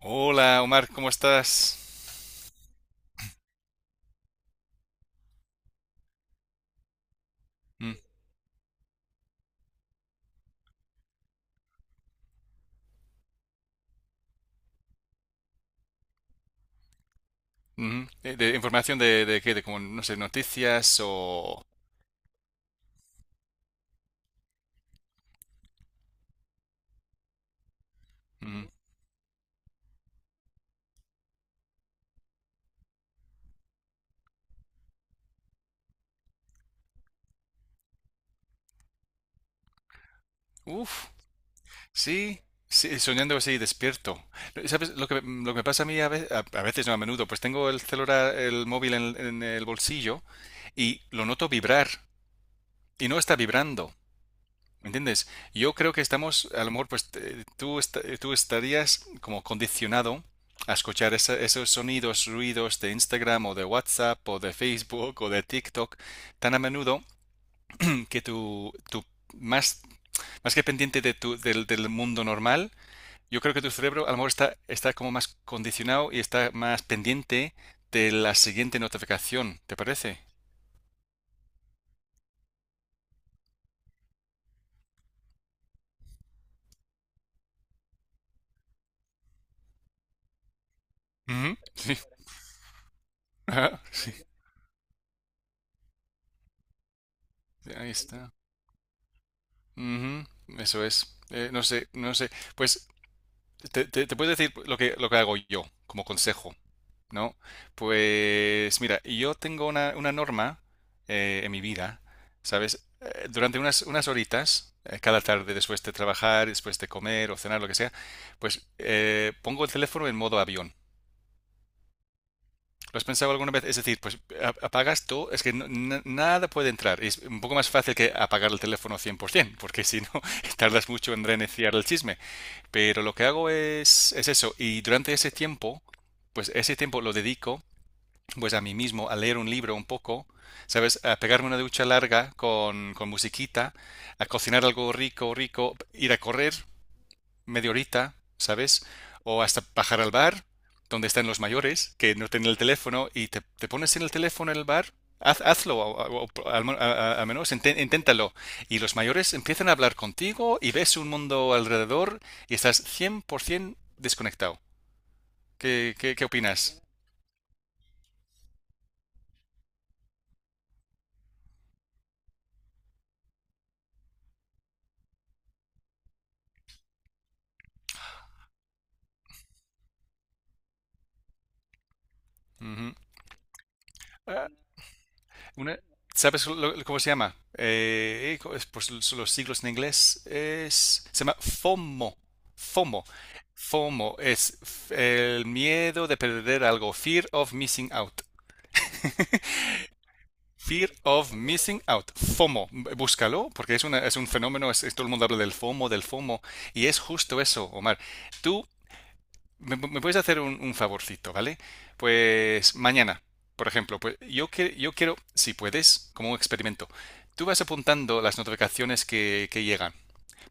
Hola, Omar, ¿cómo estás? Mm, ujú. Información de qué, de como, no sé, noticias o... Ujú. Uf, sí, sí, soñando así, despierto. ¿Sabes lo que me pasa a mí a veces, no a menudo? Pues tengo el celular, el móvil en el bolsillo y lo noto vibrar y no está vibrando. ¿Entiendes? Yo creo que estamos, a lo mejor, pues tú estarías como condicionado a escuchar esos sonidos, ruidos de Instagram o de WhatsApp o de Facebook o de TikTok tan a menudo que tu más, más que pendiente de del mundo normal, yo creo que tu cerebro a lo mejor está como más condicionado y está más pendiente de la siguiente notificación, ¿te parece? Ujú, sí. Sí. Ahí está. Ujú, eso es. No sé, no sé. Pues te puedo decir lo que hago yo como consejo, ¿no? Pues mira, yo tengo una norma en mi vida, ¿sabes? Durante unas horitas, cada tarde después de trabajar, después de comer o cenar, lo que sea, pues pongo el teléfono en modo avión. ¿Lo has pensado alguna vez? Es decir, pues apagas todo, es que nada puede entrar. Es un poco más fácil que apagar el teléfono 100%, porque si no, tardas mucho en reiniciar el chisme. Pero lo que hago es eso. Y durante ese tiempo, pues ese tiempo lo dedico pues a mí mismo, a leer un libro un poco, ¿sabes? A pegarme una ducha larga con musiquita, a cocinar algo rico, rico, ir a correr media horita, ¿sabes? O hasta bajar al bar, donde están los mayores, que no tienen el teléfono, y te pones en el teléfono en el bar, hazlo, al menos inténtalo. Y los mayores empiezan a hablar contigo y ves un mundo alrededor y estás 100% desconectado. ¿Qué opinas? Ujú. Ah, Una, ¿Sabes cómo se llama? Es por los siglos en inglés se llama FOMO. FOMO. FOMO es el miedo de perder algo. Fear of missing out. Fear of missing out. FOMO. Búscalo porque es un fenómeno. Todo el mundo habla del FOMO, del FOMO. Y es justo eso, Omar. Tú ¿Me puedes hacer un favorcito, vale? Pues mañana, por ejemplo, pues yo quiero, si puedes, como un experimento, tú vas apuntando las notificaciones que llegan,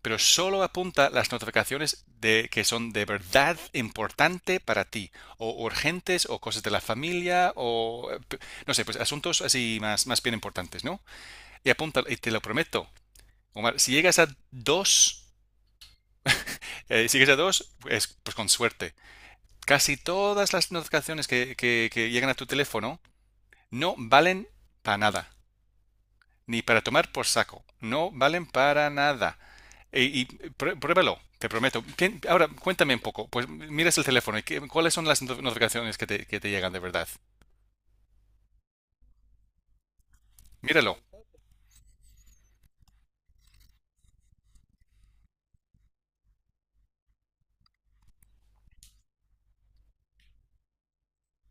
pero solo apunta las notificaciones que son de verdad importante para ti, o urgentes, o cosas de la familia, o no sé, pues asuntos así más bien importantes, ¿no? Y apunta, y te lo prometo, Omar, si llegas a dos, pues, pues con suerte. Casi todas las notificaciones que llegan a tu teléfono no valen para nada, ni para tomar por saco, no valen para nada. Y, pruébalo, te prometo. Ahora, cuéntame un poco, pues miras el teléfono y cuáles son las notificaciones que te llegan de verdad. Míralo.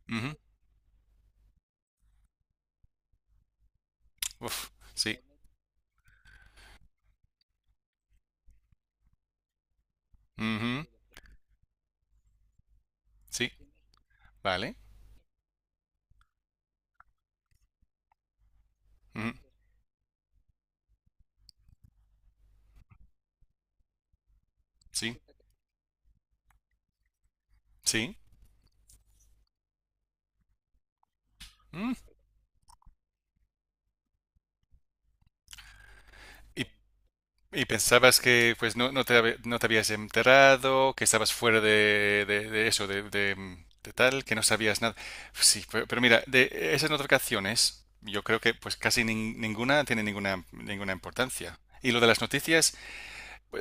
Ujú. Uf, sí. Ujú. Sí, vale. Ujú. Sí, sí. Mm. Y Y pensabas que pues no, no te habías enterado, que estabas fuera de eso, de tal, que no sabías nada. Sí, pero, mira, de esas notificaciones, yo creo que pues casi ninguna tiene ninguna, importancia. Y lo de las noticias,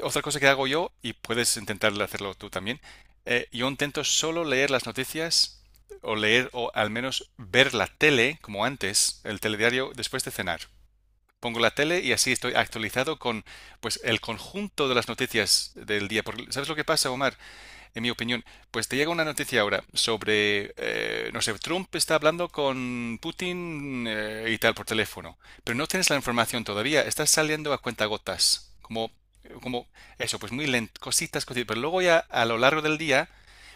otra cosa que hago yo, y puedes intentar hacerlo tú también, yo intento solo leer las noticias o leer o al menos ver la tele, como antes, el telediario, después de cenar pongo la tele y así estoy actualizado con pues el conjunto de las noticias del día. Porque, ¿sabes lo que pasa, Omar? En mi opinión, pues te llega una noticia ahora sobre, no sé, Trump está hablando con Putin, y tal por teléfono, pero no tienes la información todavía, estás saliendo a cuentagotas, como eso, pues muy lento, cositas, cositas, pero luego ya a lo largo del día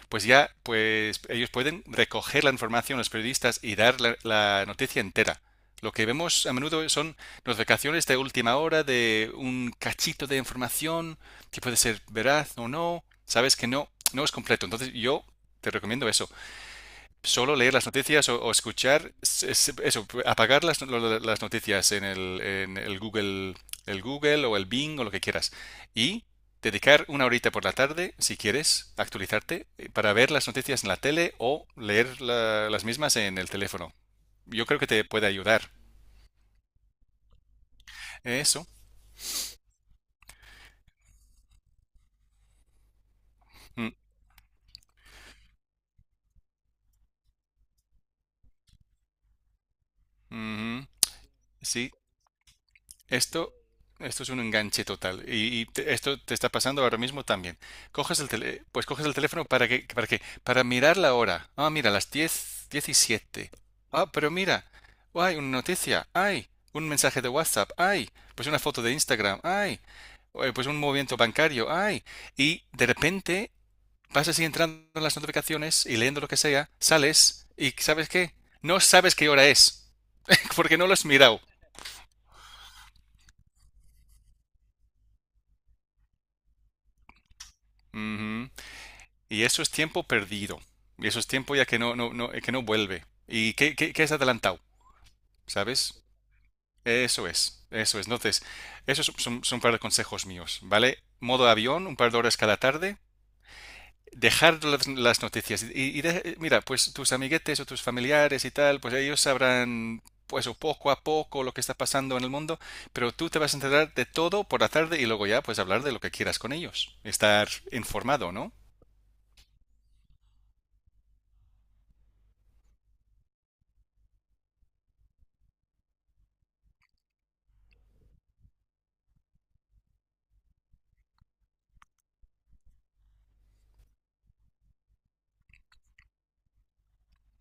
pues ya pues ellos pueden recoger la información, los periodistas, y dar la noticia entera. Lo que vemos a menudo son notificaciones de última hora de un cachito de información que puede ser veraz o no. Sabes que no es completo. Entonces yo te recomiendo eso solo leer las noticias o escuchar, eso, apagar las noticias en el Google, el Google o el Bing o lo que quieras. Y dedicar una horita por la tarde, si quieres, actualizarte para ver las noticias en la tele o leer las mismas en el teléfono. Yo creo que te puede ayudar. Eso. Mm, ujú. Sí, Esto, esto es un enganche total. Y esto te está pasando ahora mismo también. Pues coges el teléfono ¿para qué? Para mirar la hora. Ah, mira, las 10:17. Ah, pero mira, hay una noticia, hay un mensaje de WhatsApp, hay pues una foto de Instagram, hay pues un movimiento bancario, hay. Y de repente vas así entrando en las notificaciones y leyendo lo que sea, sales y ¿sabes qué? No sabes qué hora es, porque no lo has mirado. Ujú. Y eso es tiempo perdido. Y eso es tiempo ya que no vuelve. ¿Y qué es adelantado? ¿Sabes? Eso es, eso es. Entonces, esos son, un par de consejos míos, ¿vale? Modo avión, un par de horas cada tarde, dejar las noticias. Y, mira, pues tus amiguetes o tus familiares y tal, pues ellos sabrán, pues o poco a poco lo que está pasando en el mundo, pero tú te vas a enterar de todo por la tarde y luego ya, pues hablar de lo que quieras con ellos. Estar informado, ¿no?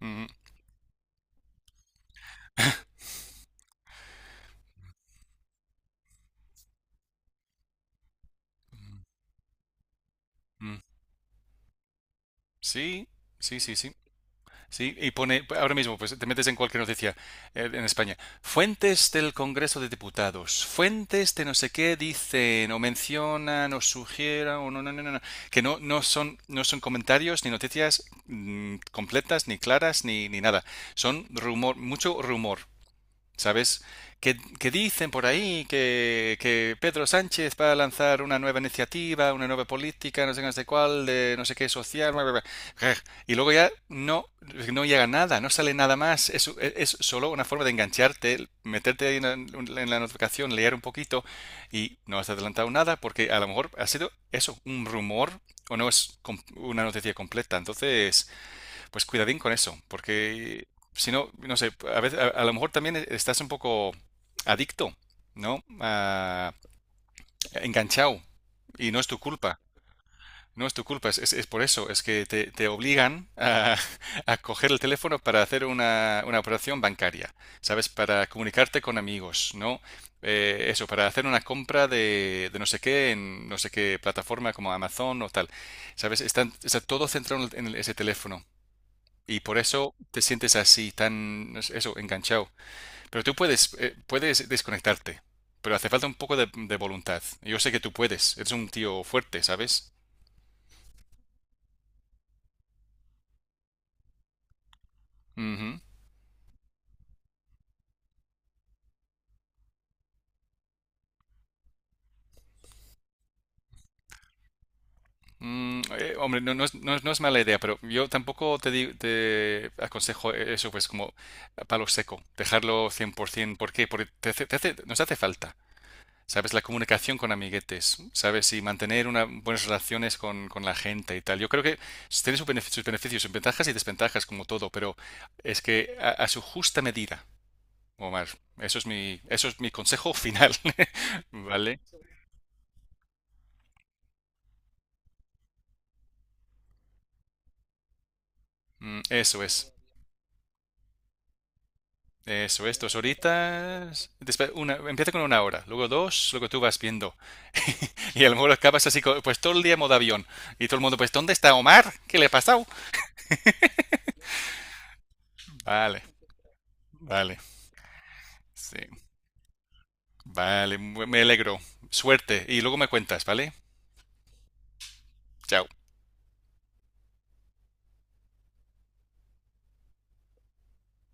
Mm, mm, sí, sí, sí, sí. Sí, y pone, ahora mismo, pues te metes en cualquier noticia, en España. Fuentes del Congreso de Diputados, fuentes de no sé qué dicen o mencionan o sugieran o no, que no son comentarios ni noticias completas, ni claras, ni nada. Son rumor, mucho rumor, ¿sabes? Que dicen por ahí que Pedro Sánchez va a lanzar una nueva iniciativa, una nueva política, no sé qué, no sé cuál, de no sé qué social, bla, bla, bla. Y luego ya no llega nada, no sale nada más. Es solo una forma de engancharte, meterte ahí en la notificación, leer un poquito y no has adelantado nada porque a lo mejor ha sido eso, un rumor o no es una noticia completa. Entonces, pues cuidadín con eso, porque si no, no sé, a veces, a lo mejor también estás un poco adicto, ¿no? Ah, enganchado y no es tu culpa. No es tu culpa, es por eso, es que te obligan a, a coger el teléfono para hacer una operación bancaria, ¿sabes? Para comunicarte con amigos, ¿no? Eso, para hacer una compra de no sé qué en no sé qué plataforma como Amazon o tal, ¿sabes? Está todo centrado ese teléfono. Y por eso te sientes así, tan, no sé, eso, enganchado. Pero tú puedes desconectarte, pero hace falta un poco de voluntad. Yo sé que tú puedes, eres un tío fuerte, ¿sabes? Ujú. Hombre, no es mala idea, pero yo tampoco te aconsejo eso, pues como a palo seco, dejarlo 100%. Por ciento. ¿Por qué? Porque nos hace falta. ¿Sabes? La comunicación con amiguetes, ¿sabes? Y mantener buenas relaciones con la gente y tal. Yo creo que tiene sus sus beneficios, sus ventajas y desventajas, como todo, pero es que a su justa medida, Omar. Eso es mi consejo final, ¿vale? Mm, eso es. Eso es, dos horitas. Después empieza con una hora, luego dos, luego tú vas viendo. Y a lo mejor acabas así, pues todo el día en modo avión. Y todo el mundo, pues, ¿dónde está Omar? ¿Qué le ha pasado? Vale, vale. Sí. Vale, me alegro. Suerte y luego me cuentas, ¿vale? Chao.